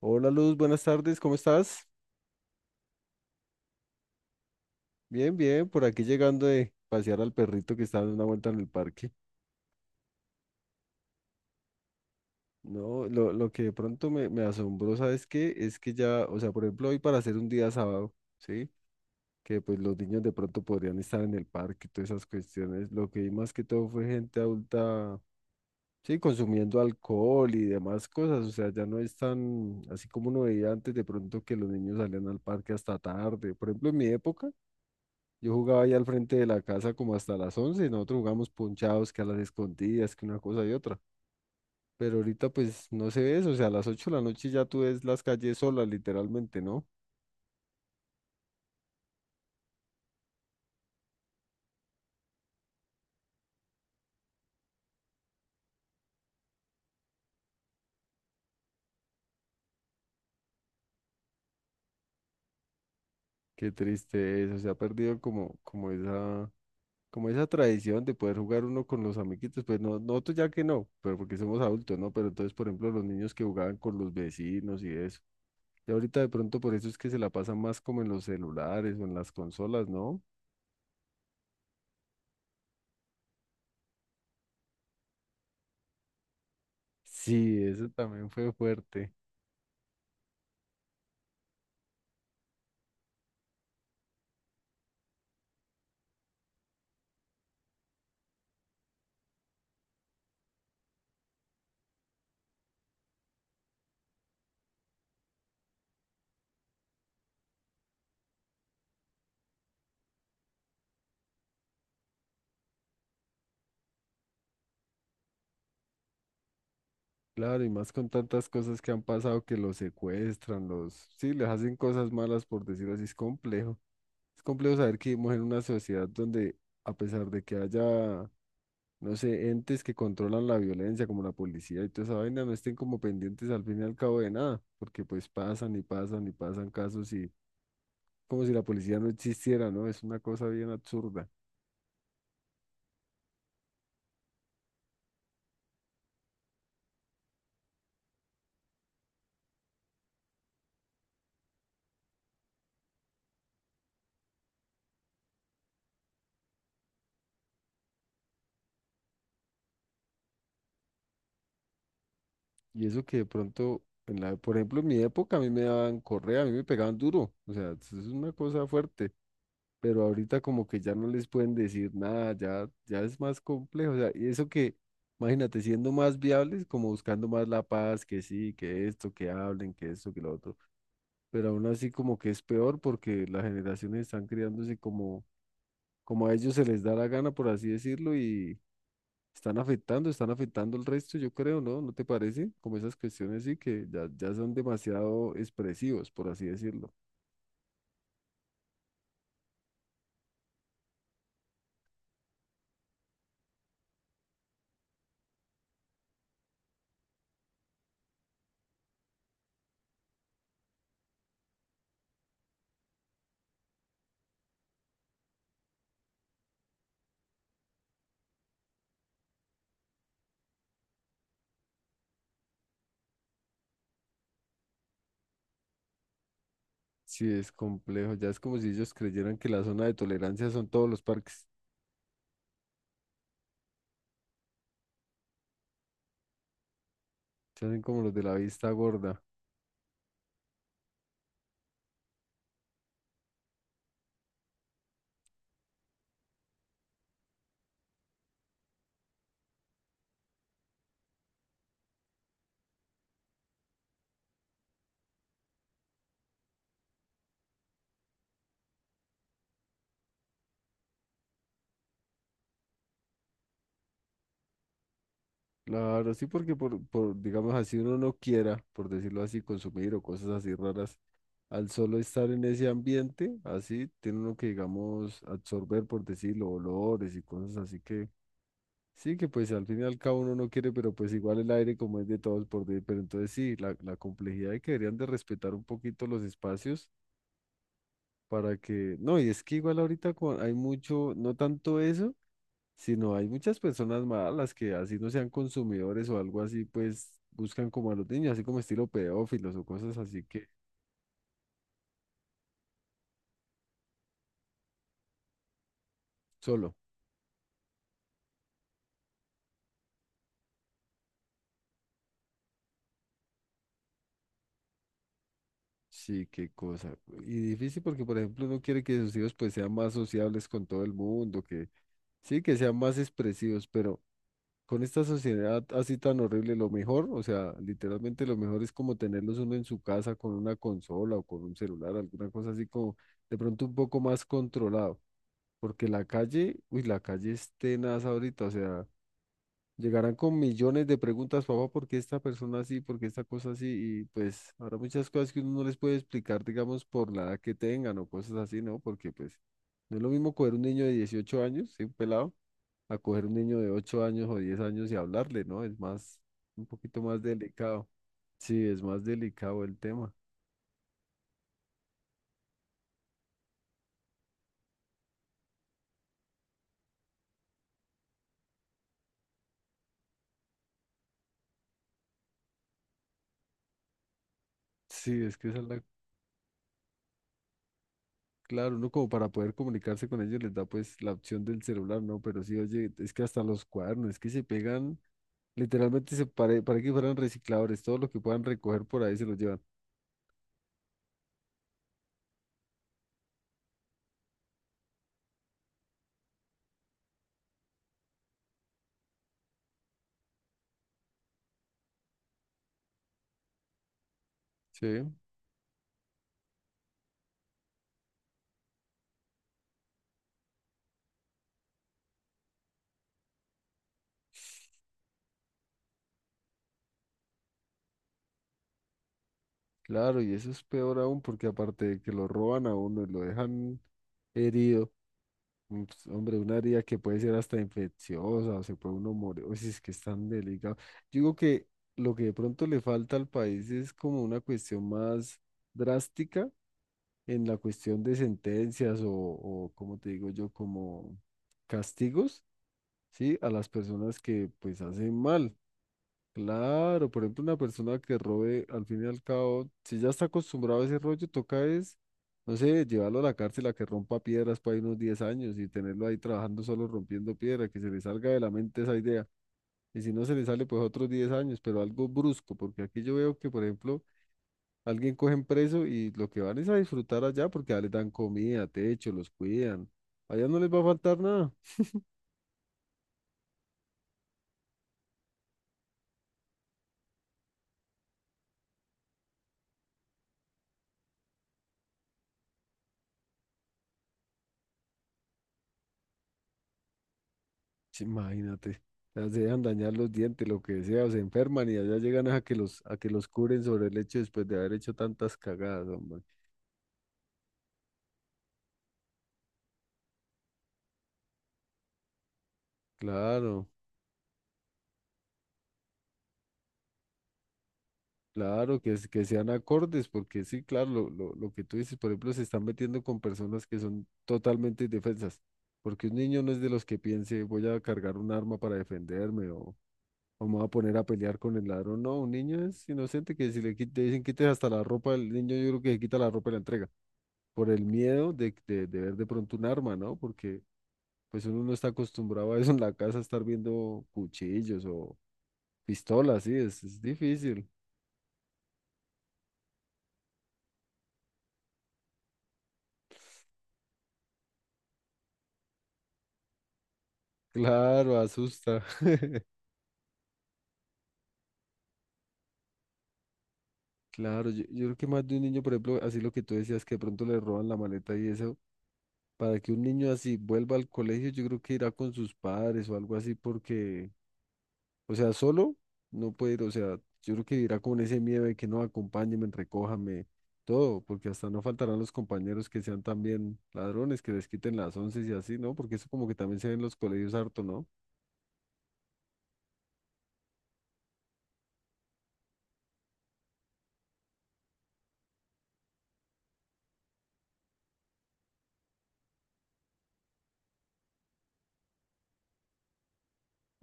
Hola Luz, buenas tardes, ¿cómo estás? Bien, bien, por aquí llegando de pasear al perrito que está dando una vuelta en el parque. No, lo que de pronto me asombró, ¿sabes qué? Es que ya, o sea, por ejemplo, hoy para hacer un día sábado, ¿sí? Que pues los niños de pronto podrían estar en el parque y todas esas cuestiones. Lo que vi más que todo fue gente adulta, sí, consumiendo alcohol y demás cosas. O sea, ya no es tan, así como uno veía antes de pronto que los niños salían al parque hasta tarde. Por ejemplo, en mi época. Yo jugaba ahí al frente de la casa como hasta las 11, y nosotros jugamos ponchados, que a las escondidas, que una cosa y otra. Pero ahorita pues no se ve eso, o sea, a las 8 de la noche ya tú ves las calles solas literalmente, ¿no? Qué triste eso, se ha perdido como esa tradición de poder jugar uno con los amiguitos, pues no, nosotros ya que no, pero porque somos adultos, ¿no? Pero entonces, por ejemplo, los niños que jugaban con los vecinos y eso. Y ahorita de pronto por eso es que se la pasan más como en los celulares o en las consolas, ¿no? Sí, eso también fue fuerte. Claro, y más con tantas cosas que han pasado que los secuestran, sí, les hacen cosas malas, por decirlo así, es complejo. Es complejo saber que vivimos en una sociedad donde, a pesar de que haya, no sé, entes que controlan la violencia, como la policía y toda esa vaina, no estén como pendientes al fin y al cabo de nada, porque pues pasan y pasan y pasan casos y como si la policía no existiera, ¿no? Es una cosa bien absurda. Y eso que de pronto, por ejemplo, en mi época a mí me daban correa, a mí me pegaban duro, o sea, es una cosa fuerte. Pero ahorita como que ya no les pueden decir nada, ya, ya es más complejo, o sea, y eso que, imagínate, siendo más viables, como buscando más la paz, que sí, que esto, que hablen, que esto, que lo otro, pero aún así como que es peor porque las generaciones están criándose como, como a ellos se les da la gana, por así decirlo, y están afectando el resto, yo creo, ¿no? ¿No te parece? Como esas cuestiones sí, que ya, ya son demasiado expresivos, por así decirlo. Sí, es complejo. Ya es como si ellos creyeran que la zona de tolerancia son todos los parques. Se hacen como los de la vista gorda. Claro, sí, porque por, digamos así, uno no quiera, por decirlo así, consumir o cosas así raras. Al solo estar en ese ambiente, así, tiene uno que, digamos, absorber, por decirlo, olores y cosas así, que sí, que pues al fin y al cabo uno no quiere, pero pues igual el aire como es de todos, por decir, pero entonces sí, la complejidad de que deberían de respetar un poquito los espacios para que, no, y es que igual ahorita hay mucho, no tanto eso, sino hay muchas personas malas que así no sean consumidores o algo así, pues buscan como a los niños, así como estilo pedófilos o cosas así, que solo. Sí, qué cosa. Y difícil porque, por ejemplo, uno quiere que sus hijos pues sean más sociables con todo el mundo, que sí, que sean más expresivos, pero con esta sociedad así tan horrible, lo mejor, o sea, literalmente lo mejor es como tenerlos uno en su casa con una consola o con un celular, alguna cosa así como de pronto un poco más controlado, porque la calle, uy, la calle es tenaz ahorita, o sea, llegarán con millones de preguntas, papá, ¿por qué esta persona así? ¿Por qué esta cosa así? Y pues habrá muchas cosas que uno no les puede explicar, digamos, por la edad que tengan o cosas así, ¿no? Porque pues no es lo mismo coger un niño de 18 años, ¿sí? Un pelado, a coger un niño de 8 años o 10 años, y hablarle, ¿no? Es más, un poquito más delicado. Sí, es más delicado el tema. Sí, es que esa es la... Claro, uno como para poder comunicarse con ellos les da pues la opción del celular, ¿no? Pero sí, oye, es que hasta los cuadernos, es que se pegan, literalmente se pare, para que fueran recicladores, todo lo que puedan recoger por ahí se lo llevan. Sí, claro, y eso es peor aún porque aparte de que lo roban a uno y lo dejan herido, mm, pues, hombre, un área que puede ser hasta infecciosa, o se puede uno morir, o si es que es tan delicado. Yo digo que lo que de pronto le falta al país es como una cuestión más drástica en la cuestión de sentencias o como te digo yo, como castigos, ¿sí? A las personas que pues hacen mal. Claro, por ejemplo, una persona que robe, al fin y al cabo, si ya está acostumbrado a ese rollo, toca es, no sé, llevarlo a la cárcel a que rompa piedras para unos 10 años y tenerlo ahí trabajando solo rompiendo piedra, que se le salga de la mente esa idea. Y si no se le sale, pues otros 10 años, pero algo brusco, porque aquí yo veo que, por ejemplo, alguien cogen preso y lo que van es a disfrutar allá porque ya les dan comida, techo, los cuidan. Allá no les va a faltar nada. Sí, imagínate, las dejan dañar los dientes, lo que sea, o se enferman y allá llegan a que los curen sobre el hecho después de haber hecho tantas cagadas, hombre. Claro, claro, que, que sean acordes, porque sí, claro, lo que tú dices, por ejemplo, se están metiendo con personas que son totalmente indefensas, porque un niño no es de los que piense, voy a cargar un arma para defenderme, o me voy a poner a pelear con el ladrón. No, un niño es inocente, que si le le dicen quites hasta la ropa, el niño yo creo que se quita la ropa y la entrega. Por el miedo de ver de pronto un arma, ¿no? Porque pues uno no está acostumbrado a eso en la casa, estar viendo cuchillos o pistolas, sí, es difícil. Claro, asusta. Claro, yo creo que más de un niño, por ejemplo, así lo que tú decías, que de pronto le roban la maleta y eso, para que un niño así vuelva al colegio, yo creo que irá con sus padres o algo así, porque o sea, solo no puedo, ir, o sea, yo creo que irá con ese miedo de que no, acompáñenme, recójame, todo, porque hasta no faltarán los compañeros que sean también ladrones, que les quiten las once y así, ¿no? Porque eso como que también se ve en los colegios harto, ¿no?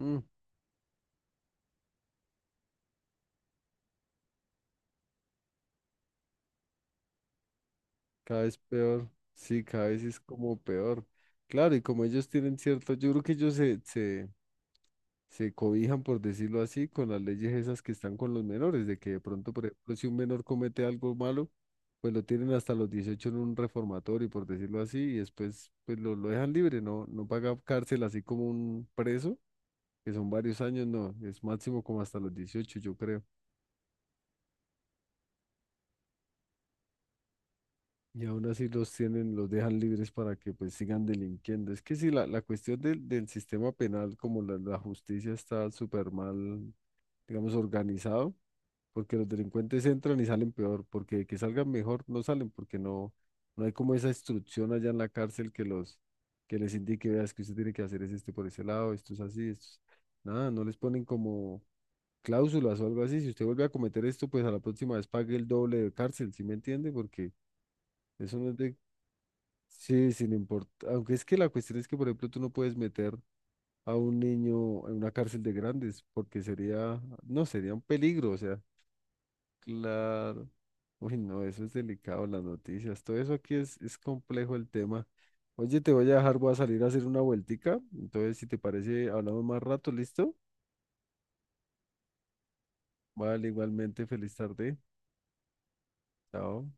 Mm, cada vez peor, sí, cada vez es como peor. Claro, y como ellos tienen cierto, yo creo que ellos se cobijan, por decirlo así, con las leyes esas que están con los menores, de que de pronto, por ejemplo, si un menor comete algo malo, pues lo tienen hasta los 18 en un reformatorio, por decirlo así, y después pues lo dejan libre, no, no paga cárcel así como un preso, que son varios años, no, es máximo como hasta los 18 yo creo. Y aún así los tienen, los dejan libres para que pues sigan delinquiendo. Es que si la cuestión del sistema penal, como la justicia está súper mal, digamos, organizado, porque los delincuentes entran y salen peor, porque de que salgan mejor no salen, porque no, no hay como esa instrucción allá en la cárcel que que les indique, veas que usted tiene que hacer es este por ese lado, esto es así, Nada, no les ponen como cláusulas o algo así, si usted vuelve a cometer esto, pues a la próxima vez pague el doble de cárcel, ¿sí me entiende? Porque eso no es de, sí, sin importar, aunque es que la cuestión es que, por ejemplo, tú no puedes meter a un niño en una cárcel de grandes, porque sería, no, sería un peligro, o sea, claro. Uy, no, eso es delicado, las noticias. Todo eso aquí es complejo el tema. Oye, te voy a dejar, voy a salir a hacer una vueltica. Entonces, si te parece, hablamos más rato, ¿listo? Vale, igualmente, feliz tarde. Chao.